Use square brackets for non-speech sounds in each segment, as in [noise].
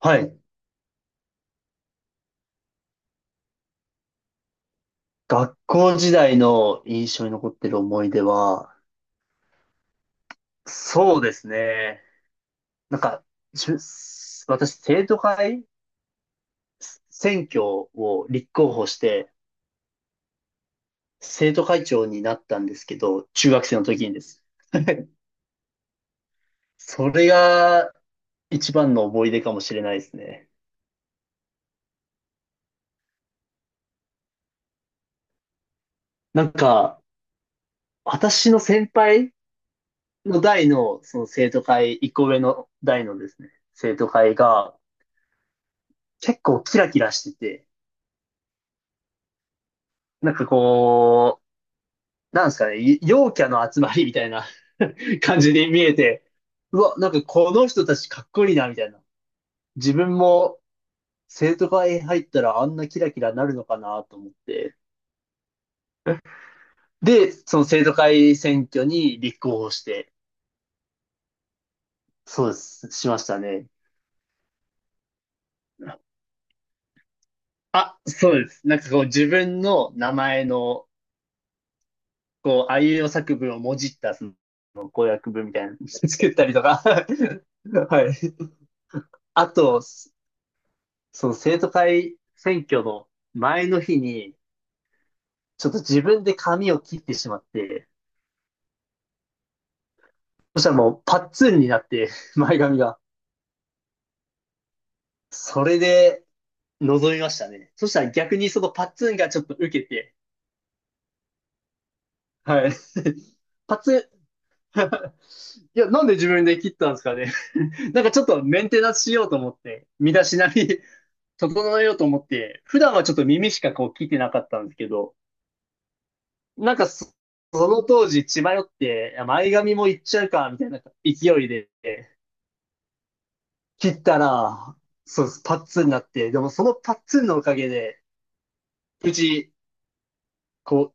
はい。学校時代の印象に残ってる思い出は、そうですね。なんか、じゅ私、生徒会選挙を立候補して、生徒会長になったんですけど、中学生の時にです。[laughs] それが一番の思い出かもしれないですね。なんか、私の先輩の代の、その生徒会、一個上の代のですね、生徒会が結構キラキラしてて、なんかこう、なんですかね、陽キャの集まりみたいな [laughs] 感じに見えて、うわ、なんかこの人たちかっこいいな、みたいな。自分も生徒会入ったらあんなキラキラなるのかなと思って。で、その生徒会選挙に立候補して、そうです、しましたね。あ、そうです。なんかこう自分の名前の、こう、あいうえお作文をもじった、その、公約文みたいなの [laughs] 作ったりとか [laughs] はい。あと、その生徒会選挙の前の日に、ちょっと自分で髪を切ってしまって、そしたらもうパッツンになって、[laughs] 前髪が。それで、臨みましたね。そしたら逆にそのパッツンがちょっと受けて、はい。[laughs] パッツン、[laughs] いや、なんで自分で切ったんですかね。[laughs] なんかちょっとメンテナンスしようと思って、身だしなみ [laughs] 整えようと思って、普段はちょっと耳しかこう聞いてなかったんですけど、なんかそ、その当時、血迷って、いや前髪もいっちゃうか、みたいな勢いで、切ったら、そうです、パッツンになって、でもそのパッツンのおかげで、無事、こ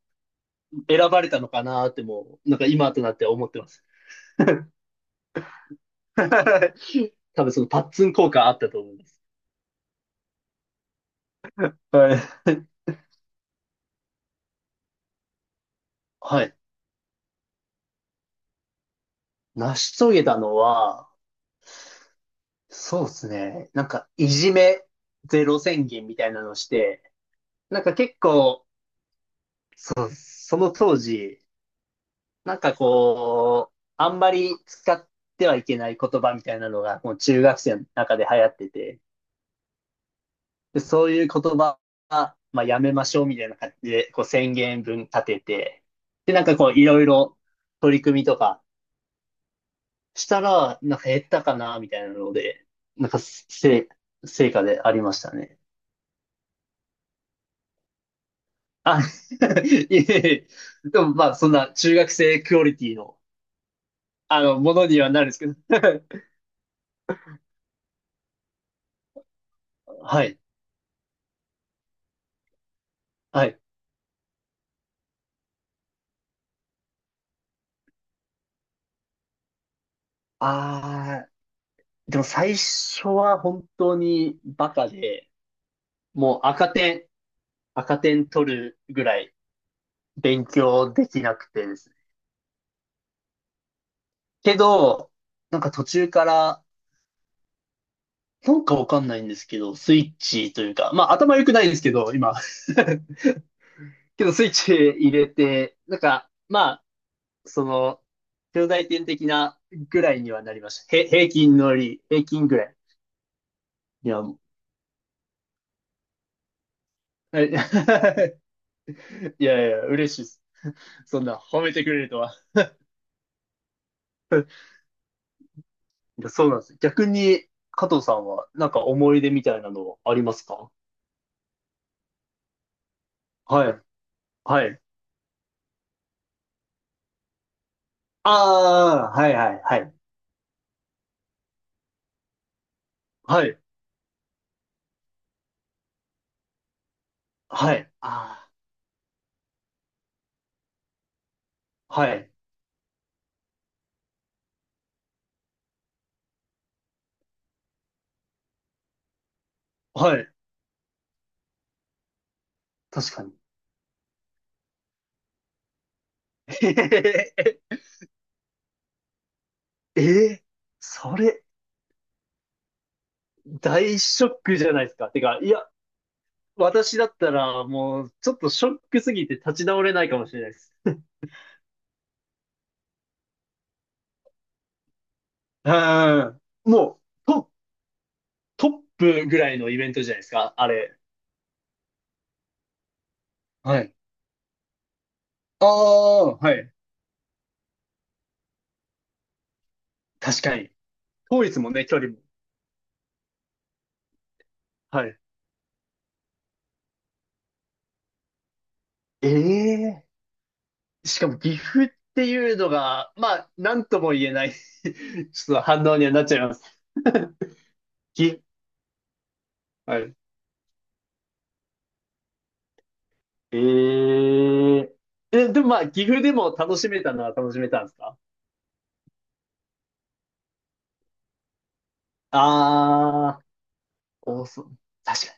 う、選ばれたのかなってもう、なんか今となって思ってます。多分そのパッツン効果あったと思います。はい。[laughs] はい。成し遂げたのは、そうですね。なんか、いじめゼロ宣言みたいなのをして、なんか結構、そう、その当時、なんかこう、あんまり使ってはいけない言葉みたいなのが、もう中学生の中で流行ってて、で、そういう言葉は、まあ、やめましょうみたいな感じで、こう宣言文立てて、で、なんかこう、いろいろ取り組みとかしたら、なんか減ったかな、みたいなので、なんかせ、成果でありましたね。あ、[laughs] いえいえ、でもまあ、そんな中学生クオリティの、あの、ものにはなるんですけど。[laughs] はい、はい。ああ、でも最初は本当にバカで、もう赤点、赤点取るぐらい勉強できなくてですね。けど、なんか途中から、なんかわかんないんですけど、スイッチというか、まあ頭良くないんですけど、今。[laughs] けどスイッチ入れて、なんか、まあ、その、兄弟点的なぐらいにはなりました。へ、平均のり、平均ぐらい。いや、[laughs] もうえ [laughs] いやいや、嬉しいです。そんな褒めてくれるとは。いや、そうなんです。逆に、加藤さんは、なんか思い出みたいなのありますか？はい。はい。ああ、はいはいはい。はい。はい。ああはい。はい。確かに。[laughs] えへへへえーそれ、大ショックじゃないですか。てか、いや、私だったら、もう、ちょっとショックすぎて立ち直れないかもしれないです。うん。もうト、トップぐらいのイベントじゃないですか、あれ。はい。ああ、はい。確かに。当日もね、距離もね。はい。ええーしかも岐阜っていうのが、まあ、なんとも言えない [laughs] ちょっと反応にはなっちゃいます。岐、はい。えええ、でもまあ、岐阜でも楽しめたのは楽しめたんですか？ああー、おそ、確か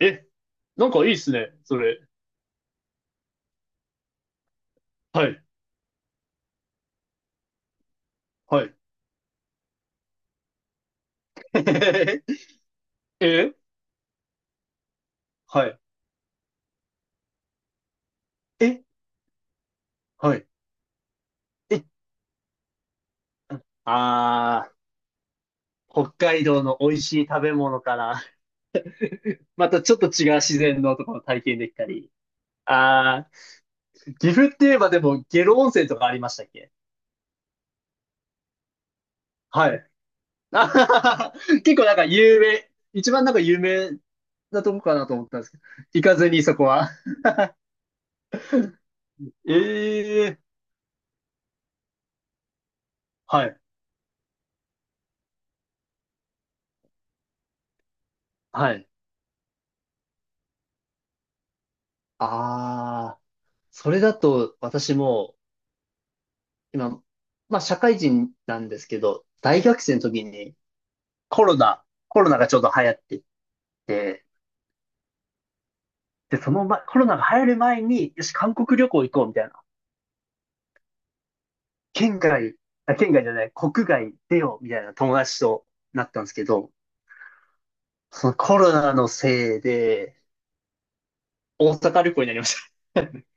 に。え、なんかいいっすね、それ。はい、はい。[laughs] え、はい。え、はい。え、ああー、北海道の美味しい食べ物から、またちょっと違う自然のところを体験できたり。ああ、岐阜って言えばでも、下呂温泉とかありましたっけ？はい。[laughs] あははは結構なんか有名、一番なんか有名なとこかなと思ったんですけど、行かずにそこは。ええはい、はい。ああ、それだと私も、今、まあ社会人なんですけど、大学生の時にコロナ、コロナがちょうど流行っていって、で、その前、コロナが流行る前に、よし、韓国旅行行こうみたいな県外、県外じゃない、国外出ようみたいな友達となったんですけど、そのコロナのせいで、大阪旅行になりました。[laughs]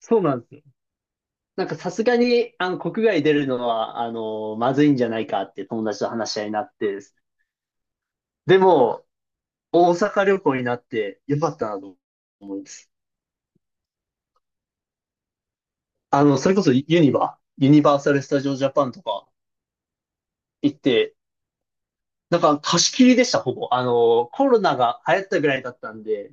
そうなんですよ。なんかさすがに、あの、国外出るのは、あの、まずいんじゃないかって友達と話し合いになって、でも、大阪旅行になってよかったなと思います。あの、それこそユニバーサル・スタジオ・ジャパンとか行って、なんか貸し切りでした、ほぼ。あの、コロナが流行ったぐらいだったんで、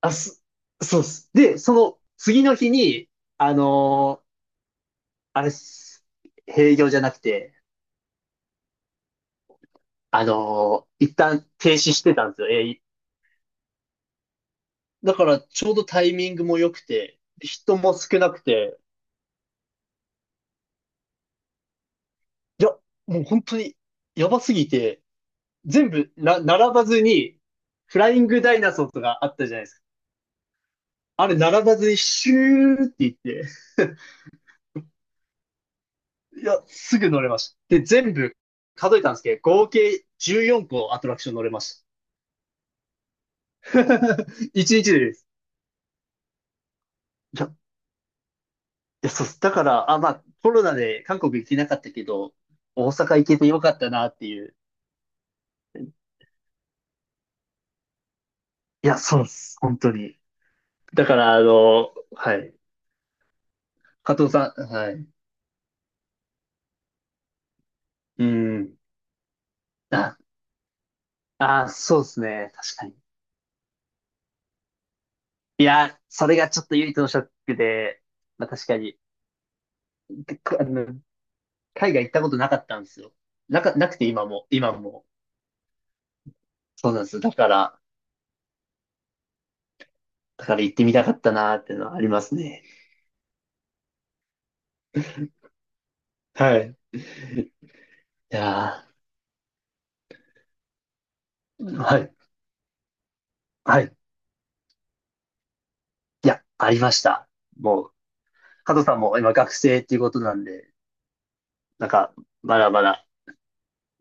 あ、す、そうっす。で、その次の日に、あのーあれっす、営業じゃなくて、あのー一旦停止してたんですよ、営業だからちょうどタイミングも良くて、人も少なくて、いや、もう本当にやばすぎて、全部な、並ばずに、フライングダイナソーとかあったじゃないですか。あれ並ばずにシューって言って、いや、すぐ乗れました。で、全部数えたんですけど、合計14個アトラクション乗れました。[laughs] 一日でです。いや、そうっす。だから、あ、まあ、コロナで韓国行けなかったけど、大阪行けてよかったなっていう。いや、そうっす。本当に。だから、あの、はい。加藤さん、はい。うん。あ、あ、そうですね。確かに。それがちょっと唯一のショックで、まあ確かに、でこあの、海外行ったことなかったんですよ。なくて今も、今も。そうなんですよ。だから、だから行ってみたかったなーっていうのはありますね。はい。いやー、はい。はい。いや、ありました。もう、加藤さんも今学生っていうことなんで、なんか、まだまだ